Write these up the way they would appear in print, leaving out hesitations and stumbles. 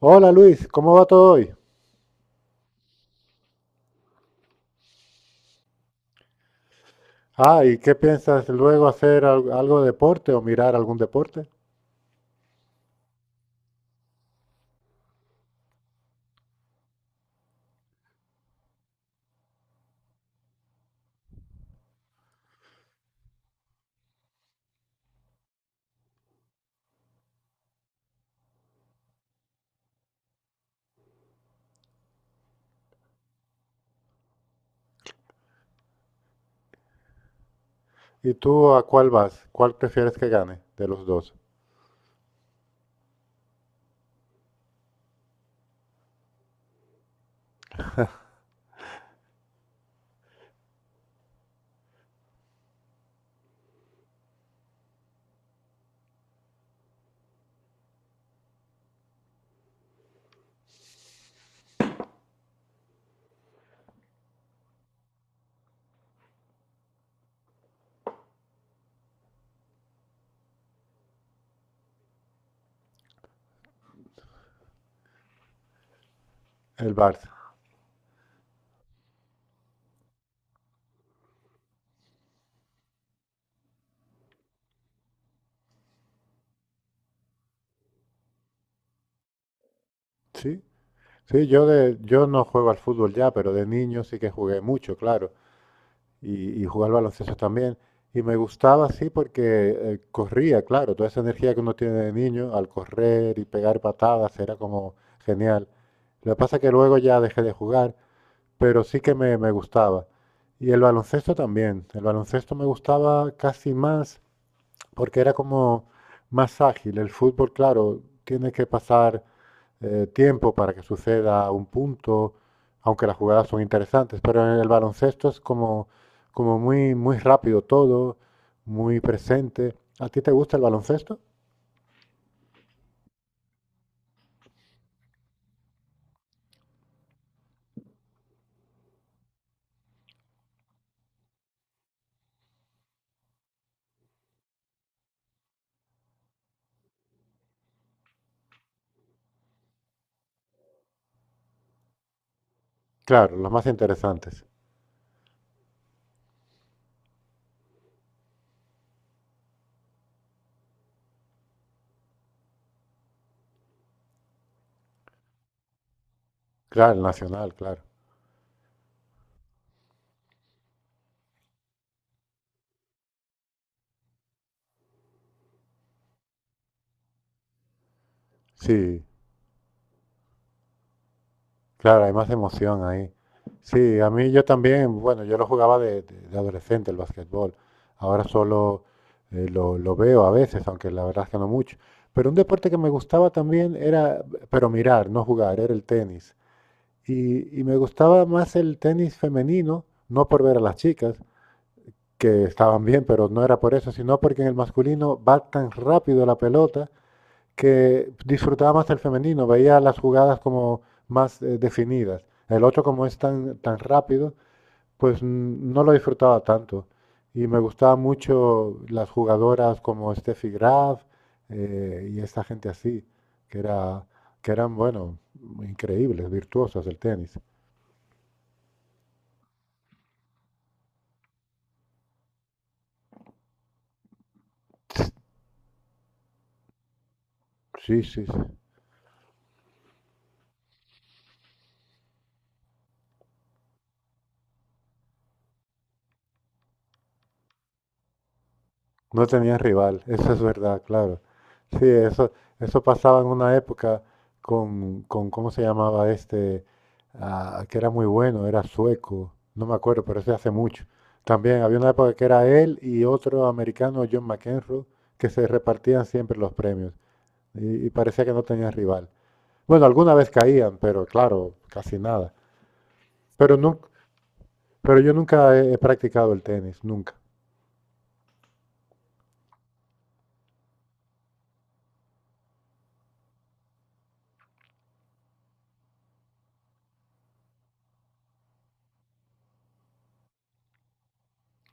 Hola Luis, ¿cómo va todo hoy? Ah, ¿y qué piensas luego hacer algo de deporte o mirar algún deporte? ¿Y tú a cuál vas? ¿Cuál prefieres que gane de los dos? El Barça. Sí, sí, yo no juego al fútbol ya, pero de niño sí que jugué mucho, claro, y jugué al baloncesto también. Y me gustaba sí, porque corría, claro, toda esa energía que uno tiene de niño al correr y pegar patadas era como genial. Lo que pasa es que luego ya dejé de jugar, pero sí que me gustaba. Y el baloncesto también. El baloncesto me gustaba casi más porque era como más ágil. El fútbol, claro, tiene que pasar tiempo para que suceda un punto, aunque las jugadas son interesantes, pero en el baloncesto es como, como muy, muy rápido todo, muy presente. ¿A ti te gusta el baloncesto? Claro, los más interesantes. Claro, el nacional, claro. Sí. Claro, hay más emoción ahí. Sí, a mí yo también, bueno, yo lo jugaba de adolescente el basquetbol. Ahora solo lo veo a veces, aunque la verdad es que no mucho. Pero un deporte que me gustaba también era, pero mirar, no jugar, era el tenis. Y me gustaba más el tenis femenino, no por ver a las chicas, que estaban bien, pero no era por eso, sino porque en el masculino va tan rápido la pelota que disfrutaba más el femenino, veía las jugadas como más definidas. El otro, como es tan, tan rápido, pues no lo disfrutaba tanto. Y me gustaban mucho las jugadoras como Steffi Graf, y esta gente así, que era, que eran, bueno, increíbles, virtuosas del tenis. Sí, sí, sí. No tenían rival, eso es verdad, claro. Sí, eso pasaba en una época con ¿cómo se llamaba este? Ah, que era muy bueno, era sueco, no me acuerdo, pero ese hace mucho. También había una época que era él y otro americano, John McEnroe, que se repartían siempre los premios y parecía que no tenían rival. Bueno, alguna vez caían, pero claro, casi nada. Pero, nu- pero yo nunca he practicado el tenis, nunca.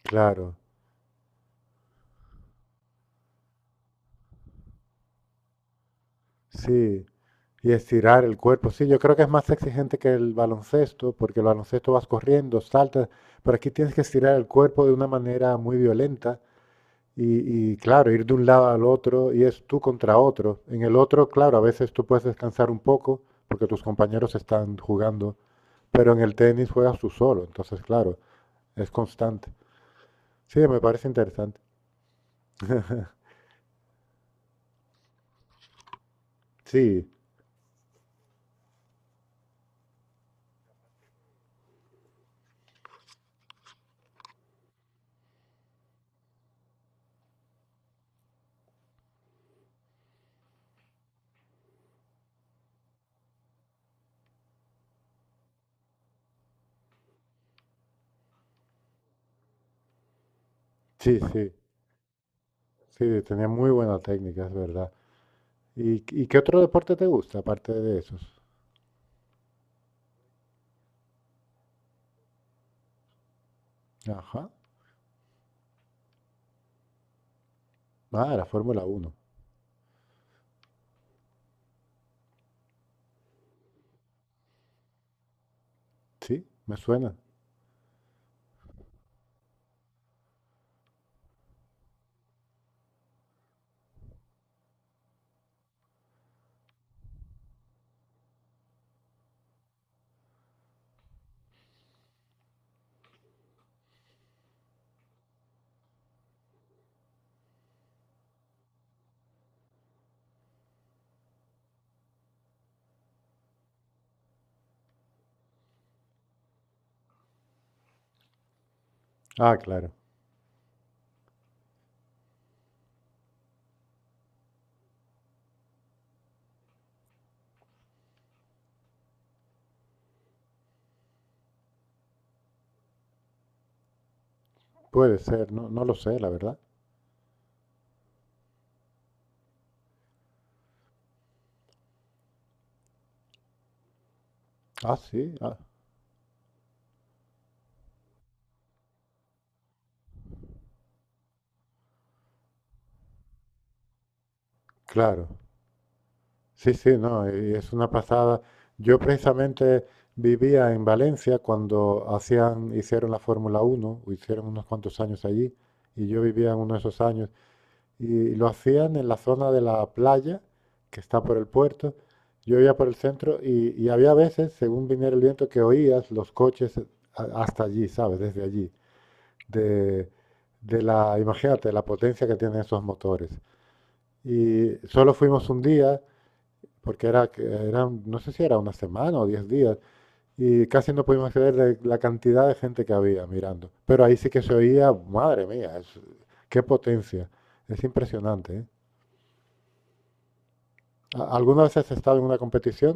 Claro, sí. Y estirar el cuerpo. Sí, yo creo que es más exigente que el baloncesto, porque el baloncesto vas corriendo, saltas, pero aquí tienes que estirar el cuerpo de una manera muy violenta y, claro, ir de un lado al otro y es tú contra otro. En el otro, claro, a veces tú puedes descansar un poco porque tus compañeros están jugando, pero en el tenis juegas tú solo, entonces claro, es constante. Sí, me parece interesante. Sí, sí, sí, sí, tenía muy buena técnica, es verdad. Y qué otro deporte te gusta aparte de esos? Ajá. Ah, la Fórmula Uno. Sí, me suena. Ah, claro. Puede ser, no, no lo sé, la verdad. Ah, sí, ah, claro. Sí, sí, no, y es una pasada. Yo precisamente vivía en Valencia cuando hacían, hicieron la Fórmula Uno, o hicieron unos cuantos años allí, y yo vivía en uno de esos años, y lo hacían en la zona de la playa, que está por el puerto. Yo iba por el centro y había veces, según viniera el viento, que oías los coches hasta allí, ¿sabes? Desde allí. de, Imagínate, la potencia que tienen esos motores. Y solo fuimos un día, porque era, que eran, no sé si era una semana o diez días, y casi no pudimos acceder de la cantidad de gente que había mirando. Pero ahí sí que se oía, madre mía, qué potencia. Es impresionante, ¿eh? ¿Alguna vez has estado en una competición?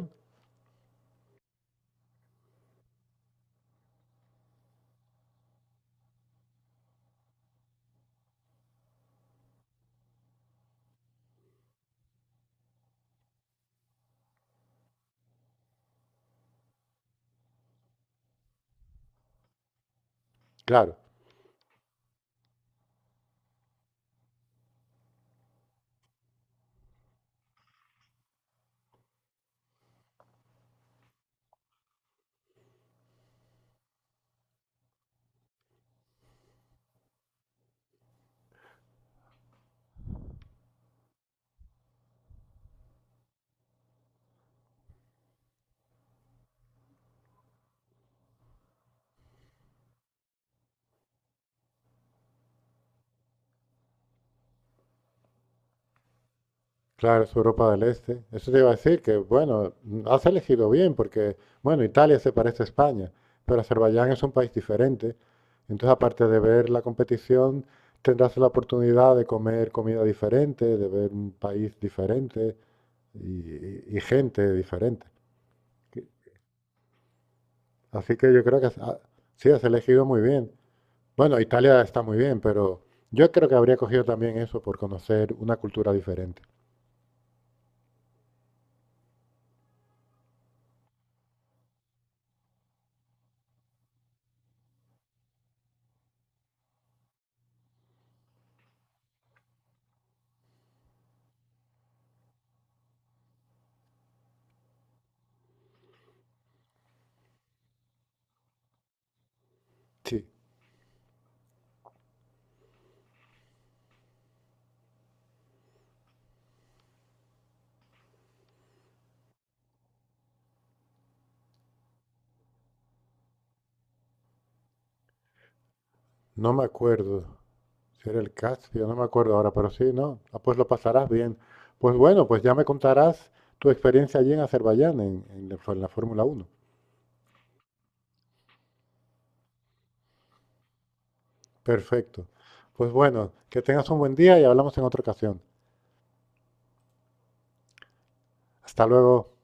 Claro. Claro, es Europa del Este. Eso te iba a decir que, bueno, has elegido bien porque, bueno, Italia se parece a España, pero Azerbaiyán es un país diferente. Entonces, aparte de ver la competición, tendrás la oportunidad de comer comida diferente, de ver un país diferente y, y gente diferente. Que- Así que yo creo que ah, sí, has elegido muy bien. Bueno, Italia está muy bien, pero yo creo que habría cogido también eso por conocer una cultura diferente. Sí, no me acuerdo. Si era el Caspio, no me acuerdo ahora, pero sí, ¿no? Ah, pues lo pasarás bien. Pues bueno, pues ya me contarás tu experiencia allí en Azerbaiyán, en la Fórmula Uno. Perfecto. Pues bueno, que tengas un buen día y hablamos en otra ocasión. Hasta luego.